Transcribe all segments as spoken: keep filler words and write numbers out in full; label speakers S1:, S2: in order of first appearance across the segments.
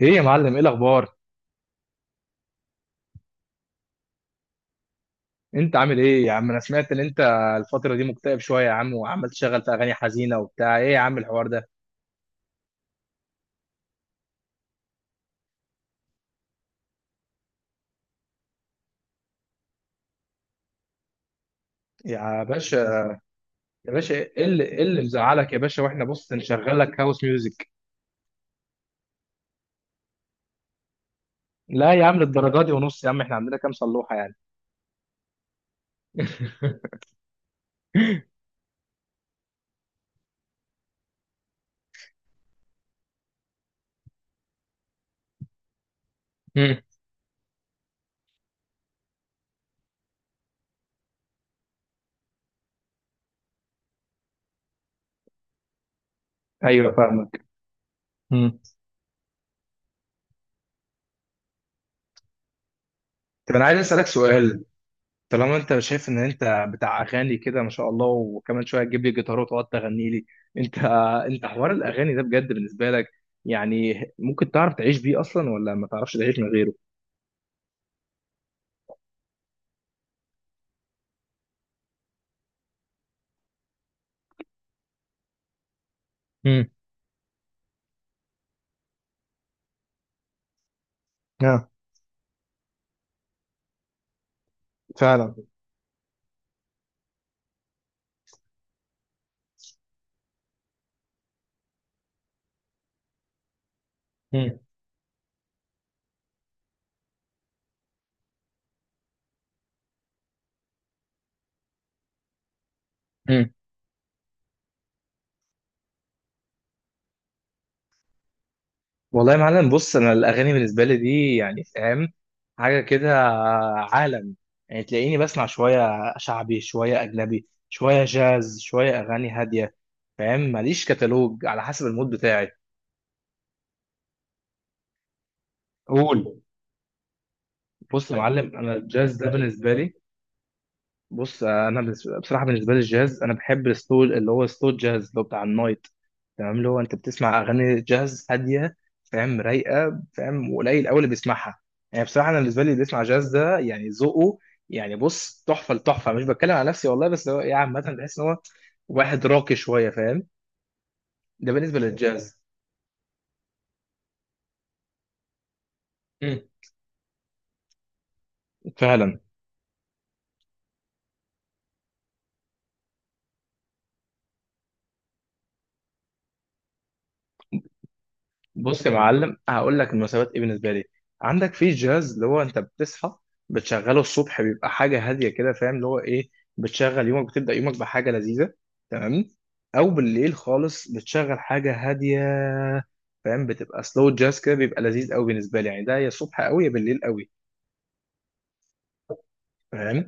S1: ايه يا معلم، ايه الاخبار؟ انت عامل ايه يا عم؟ انا سمعت ان انت الفتره دي مكتئب شويه يا عم، وعمال تشغل في اغاني حزينه وبتاع. ايه يا عم الحوار ده؟ يا باشا، يا باشا ايه اللي ايه اللي مزعلك يا باشا؟ واحنا بص نشغل لك هاوس ميوزك. لا يا عم للدرجه دي ونص يا عم، احنا عندنا كام صلوحه يعني. مم. ايوه فاهمك. مم. طب انا عايز اسالك سؤال. طالما انت شايف ان انت بتاع اغاني كده ما شاء الله، وكمان شويه تجيب لي جيتار وتقعد تغني لي. انت انت حوار الاغاني ده بجد بالنسبه لك يعني ممكن تعرف تعيش بيه اصلا، ولا ما تعرفش تعيش من غيره؟ امم. اه فعلا. امم. امم. والله يا معلم، بص انا الاغاني بالنسبه لي دي يعني فاهم، حاجه كده، عالم. يعني تلاقيني بسمع شويه شعبي، شويه اجنبي، شويه جاز، شويه اغاني هاديه. فاهم، ماليش كتالوج، على حسب المود بتاعي. قول. بص يا معلم انا الجاز ده بالنسبه لي، بص انا بس- بصراحه بالنسبه لي الجاز، انا بحب الستول اللي هو ستول جاز، اللي هو بتاع النايت. تمام، اللي هو انت بتسمع اغاني جاز هاديه، فاهم، رايقه، فاهم، وقليل قوي اللي بيسمعها. يعني بصراحه انا بالنسبه لي اللي بيسمع جاز ده يعني ذوقه، يعني بص تحفه لتحفه. مش بتكلم على نفسي والله، بس هو يعني عامه بحس ان هو واحد راقي شويه، فاهم. ده بالنسبه للجاز. مم. فعلا. بص يا معلم هقول لك المناسبات ايه بالنسبه لي. عندك في الجاز، اللي هو انت بتصحى بتشغله الصبح، بيبقى حاجه هاديه كده، فاهم، اللي هو ايه، بتشغل يومك، بتبدا يومك بحاجه لذيذه. تمام. او بالليل خالص بتشغل حاجه هاديه، فاهم، بتبقى سلو جاز كده، بيبقى لذيذ قوي بالنسبه لي، يعني ده يا الصبح قوي يا بالليل قوي. فاهم.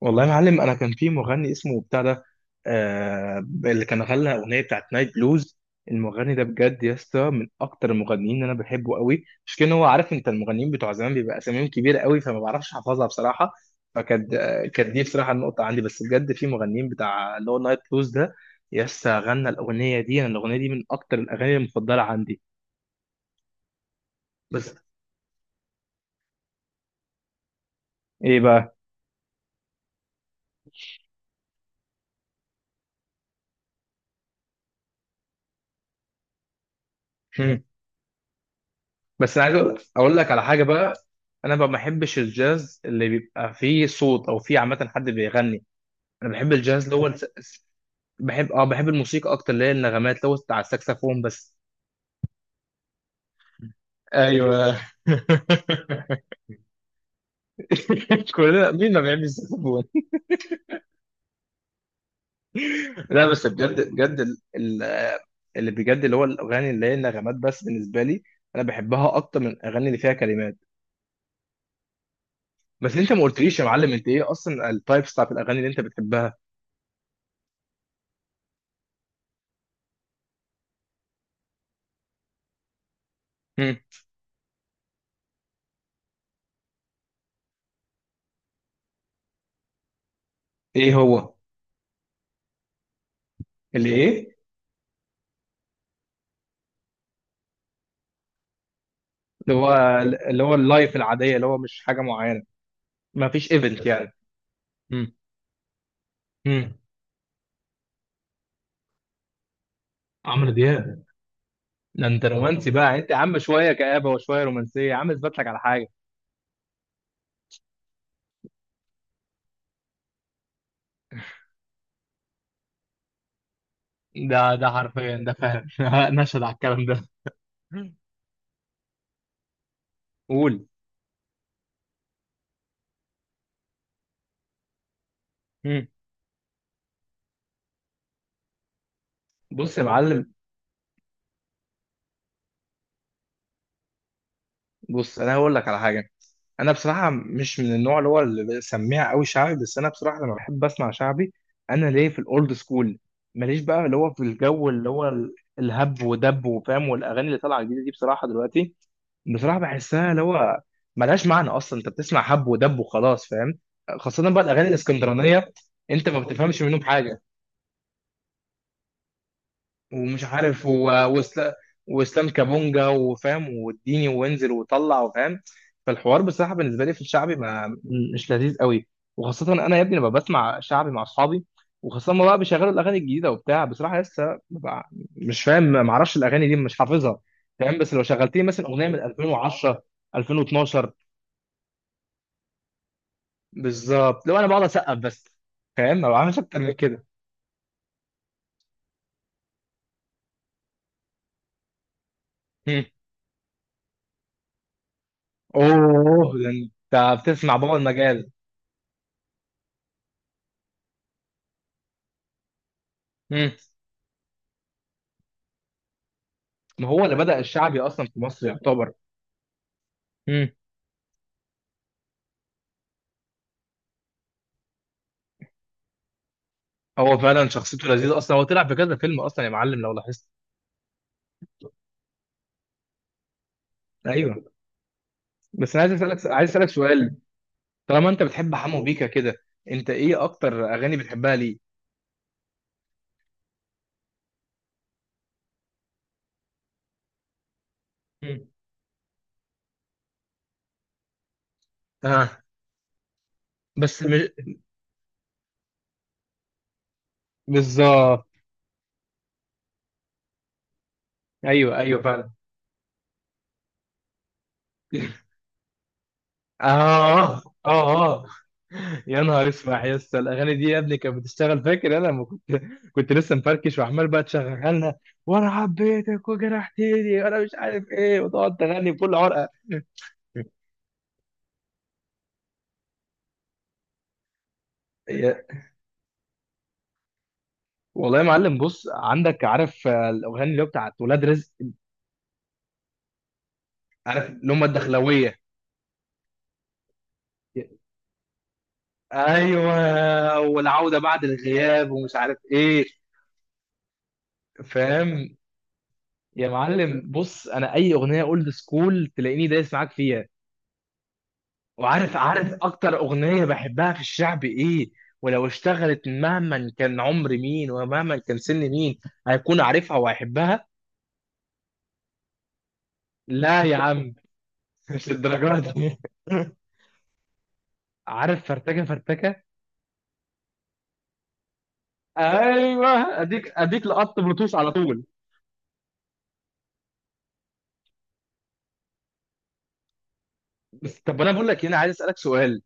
S1: والله يا معلم، انا كان في مغني اسمه بتاع ده، آه، اللي كان غنى اغنيه بتاعت نايت بلوز. المغني ده بجد يا اسطى من اكتر المغنيين اللي انا بحبه قوي، مش كان هو، عارف انت المغنيين بتوع زمان بيبقى اساميهم كبيره قوي، فما بعرفش احفظها بصراحه. فكانت آه، كانت دي بصراحه النقطه عندي، بس بجد في مغنيين بتاع اللي هو نايت بلوز ده يا اسطى، غنى الاغنيه دي. انا الاغنيه دي من اكتر الاغاني المفضله عندي. بس ايه بقى؟ بس انا عايز اقول أقول لك على حاجه بقى. انا بقى ما بحبش الجاز اللي بيبقى فيه صوت او فيه عامه حد بيغني. انا بحب الجاز اللي هو الس- الس- بحب اه، بحب الموسيقى اكتر، اللي هي النغمات، اللي هو بتاع الساكسفون بس. ايوه. كلنا مين ما بيحبش الساكسفون؟ لا بس بجد بجد ال- ال- اللي بجد اللي هو الاغاني اللي هي النغمات بس، بالنسبه لي انا بحبها اكتر من الاغاني اللي فيها كلمات. بس انت ما قلتليش يا معلم انت ايه اصلا التايبس بتاعت الاغاني اللي انت بتحبها. مم. ايه هو؟ اللي ايه؟ اللي هو اللي هو اللايف العاديه، اللي هو مش حاجه معينه، ما فيش ايفنت يعني. امم. امم. عمرو دياب؟ ده انت رومانسي بقى انت يا عم، شويه كآبه وشويه رومانسيه. يا عم اثبت لك على حاجه. ده ده حرفيا ده فاهم. نشهد على الكلام ده. قول. مم. بص يا معلم، بص انا هقول لك على حاجه. انا بصراحه مش من النوع اللي هو اللي بسميها قوي شعبي، بس انا بصراحه لما بحب اسمع شعبي، انا ليه في الاولد سكول. ماليش بقى اللي هو في الجو اللي هو ال- الهب ودب وفاهم، والاغاني اللي طالعه جديده دي بصراحه دلوقتي، بصراحه بحسها اللي هو ملهاش معنى اصلا. انت بتسمع هب ودب وخلاص فاهم. خاصه بقى الاغاني الاسكندرانيه، انت ما بتفهمش منهم حاجه. ومش عارف و... وإسلا- واسلام كابونجا وفاهم، واديني وانزل وطلع، وفاهم. فالحوار بصراحه بالنسبه لي في الشعبي ما، مش لذيذ قوي. وخاصه انا يا ابني لما بسمع شعبي مع اصحابي، وخاصه ما بقى بيشغلوا الاغاني الجديده وبتاع، بصراحه لسه ببقى مش فاهم، ما اعرفش الاغاني دي، مش حافظها، فاهم. بس لو شغلت لي مثلا اغنيه من ألفين وعشرة، ألفين واثنا عشر، بالظبط. لو انا بقعد اسقف بس، فاهم، ما بعملش اكتر من كده. مم. اوه ده انت بتسمع بابا المجال. ما هو اللي بدأ الشعبي اصلا في مصر يعتبر. امم. هو فعلا شخصيته لذيذه اصلا، هو طلع في كذا فيلم اصلا يا معلم لو لاحظت. ايوه. بس انا عايز اسالك عايز اسالك سؤال، طالما انت بتحب حمو بيكا كده، انت ايه اكتر اغاني بتحبها ليه؟ امم. اه. بس مش، بالظبط. ايوه ايوه فعلا. اه اه اه. يا نهار اسمع يا اسطى، الاغاني دي يا ابني كانت بتشتغل، فاكر انا لما كنت، كنت لسه مفركش، وعمال بقى تشغلها لنا. وانا حبيتك وجرحتني وانا مش عارف ايه، وتقعد تغني بكل عرقه. يا- والله يا معلم بص، عندك عارف آه، الاغاني اللي هو بتاعت ولاد رزق، عارف اللي هم الدخلاويه. ايوه والعوده بعد الغياب ومش عارف ايه. فاهم. يا معلم بص انا اي اغنيه اولد سكول تلاقيني دايس معاك فيها. وعارف عارف اكتر اغنيه بحبها في الشعب ايه؟ ولو اشتغلت مهما كان عمر مين ومهما كان سن مين هيكون عارفها وهيحبها. لا يا عم مش الدرجات دي. عارف؟ فرتكه فرتكه. ايوه اديك اديك لقط بلوتوث على طول. بس طب انا بقول لك هنا عايز اسالك سؤال.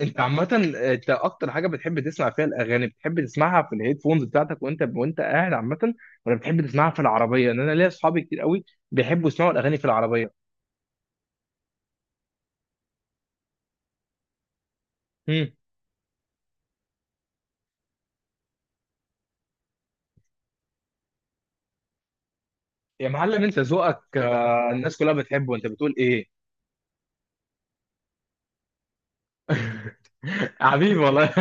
S1: انت عامه، انت اكتر حاجه بتحب تسمع فيها الاغاني، بتحب تسمعها في الهيدفونز بتاعتك وانت وانت قاعد عامه، ولا بتحب تسمعها في العربيه؟ ان انا ليا اصحابي كتير قوي بيحبوا يسمعوا الاغاني في العربيه. مم. يا معلم انت ذوقك آه، الناس كلها بتحبه، انت بتقول ايه؟ حبيبي والله.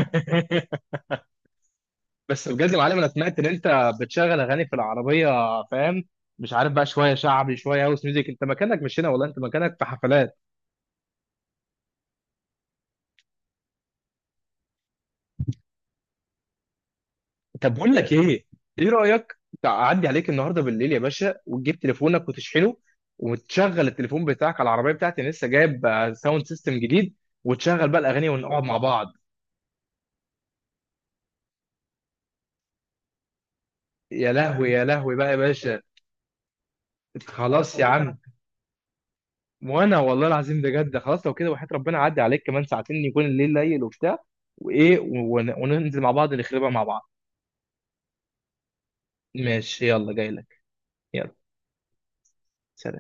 S1: بس بجد يا معلم، انا سمعت ان انت بتشغل اغاني في العربيه، فاهم، مش عارف بقى شويه شعبي شويه هاوس ميوزك. انت مكانك مش هنا والله، انت مكانك في حفلات. طب بقول لك ايه، ايه رايك تعدي عليك النهارده بالليل يا باشا، وتجيب تليفونك وتشحنه، وتشغل التليفون بتاعك على العربيه بتاعتي، انا لسه جايب آه، ساوند سيستم جديد، وتشغل بقى الاغاني ونقعد مع بعض. يا لهوي يا لهوي بقى يا باشا. خلاص يا عم. وانا والله العظيم بجد خلاص لو كده، وحياة ربنا عدي عليك كمان ساعتين يكون الليل ليل وبتاع، وايه ون- وننزل مع بعض نخربها مع بعض. ماشي يلا جاي لك. يلا. سلام.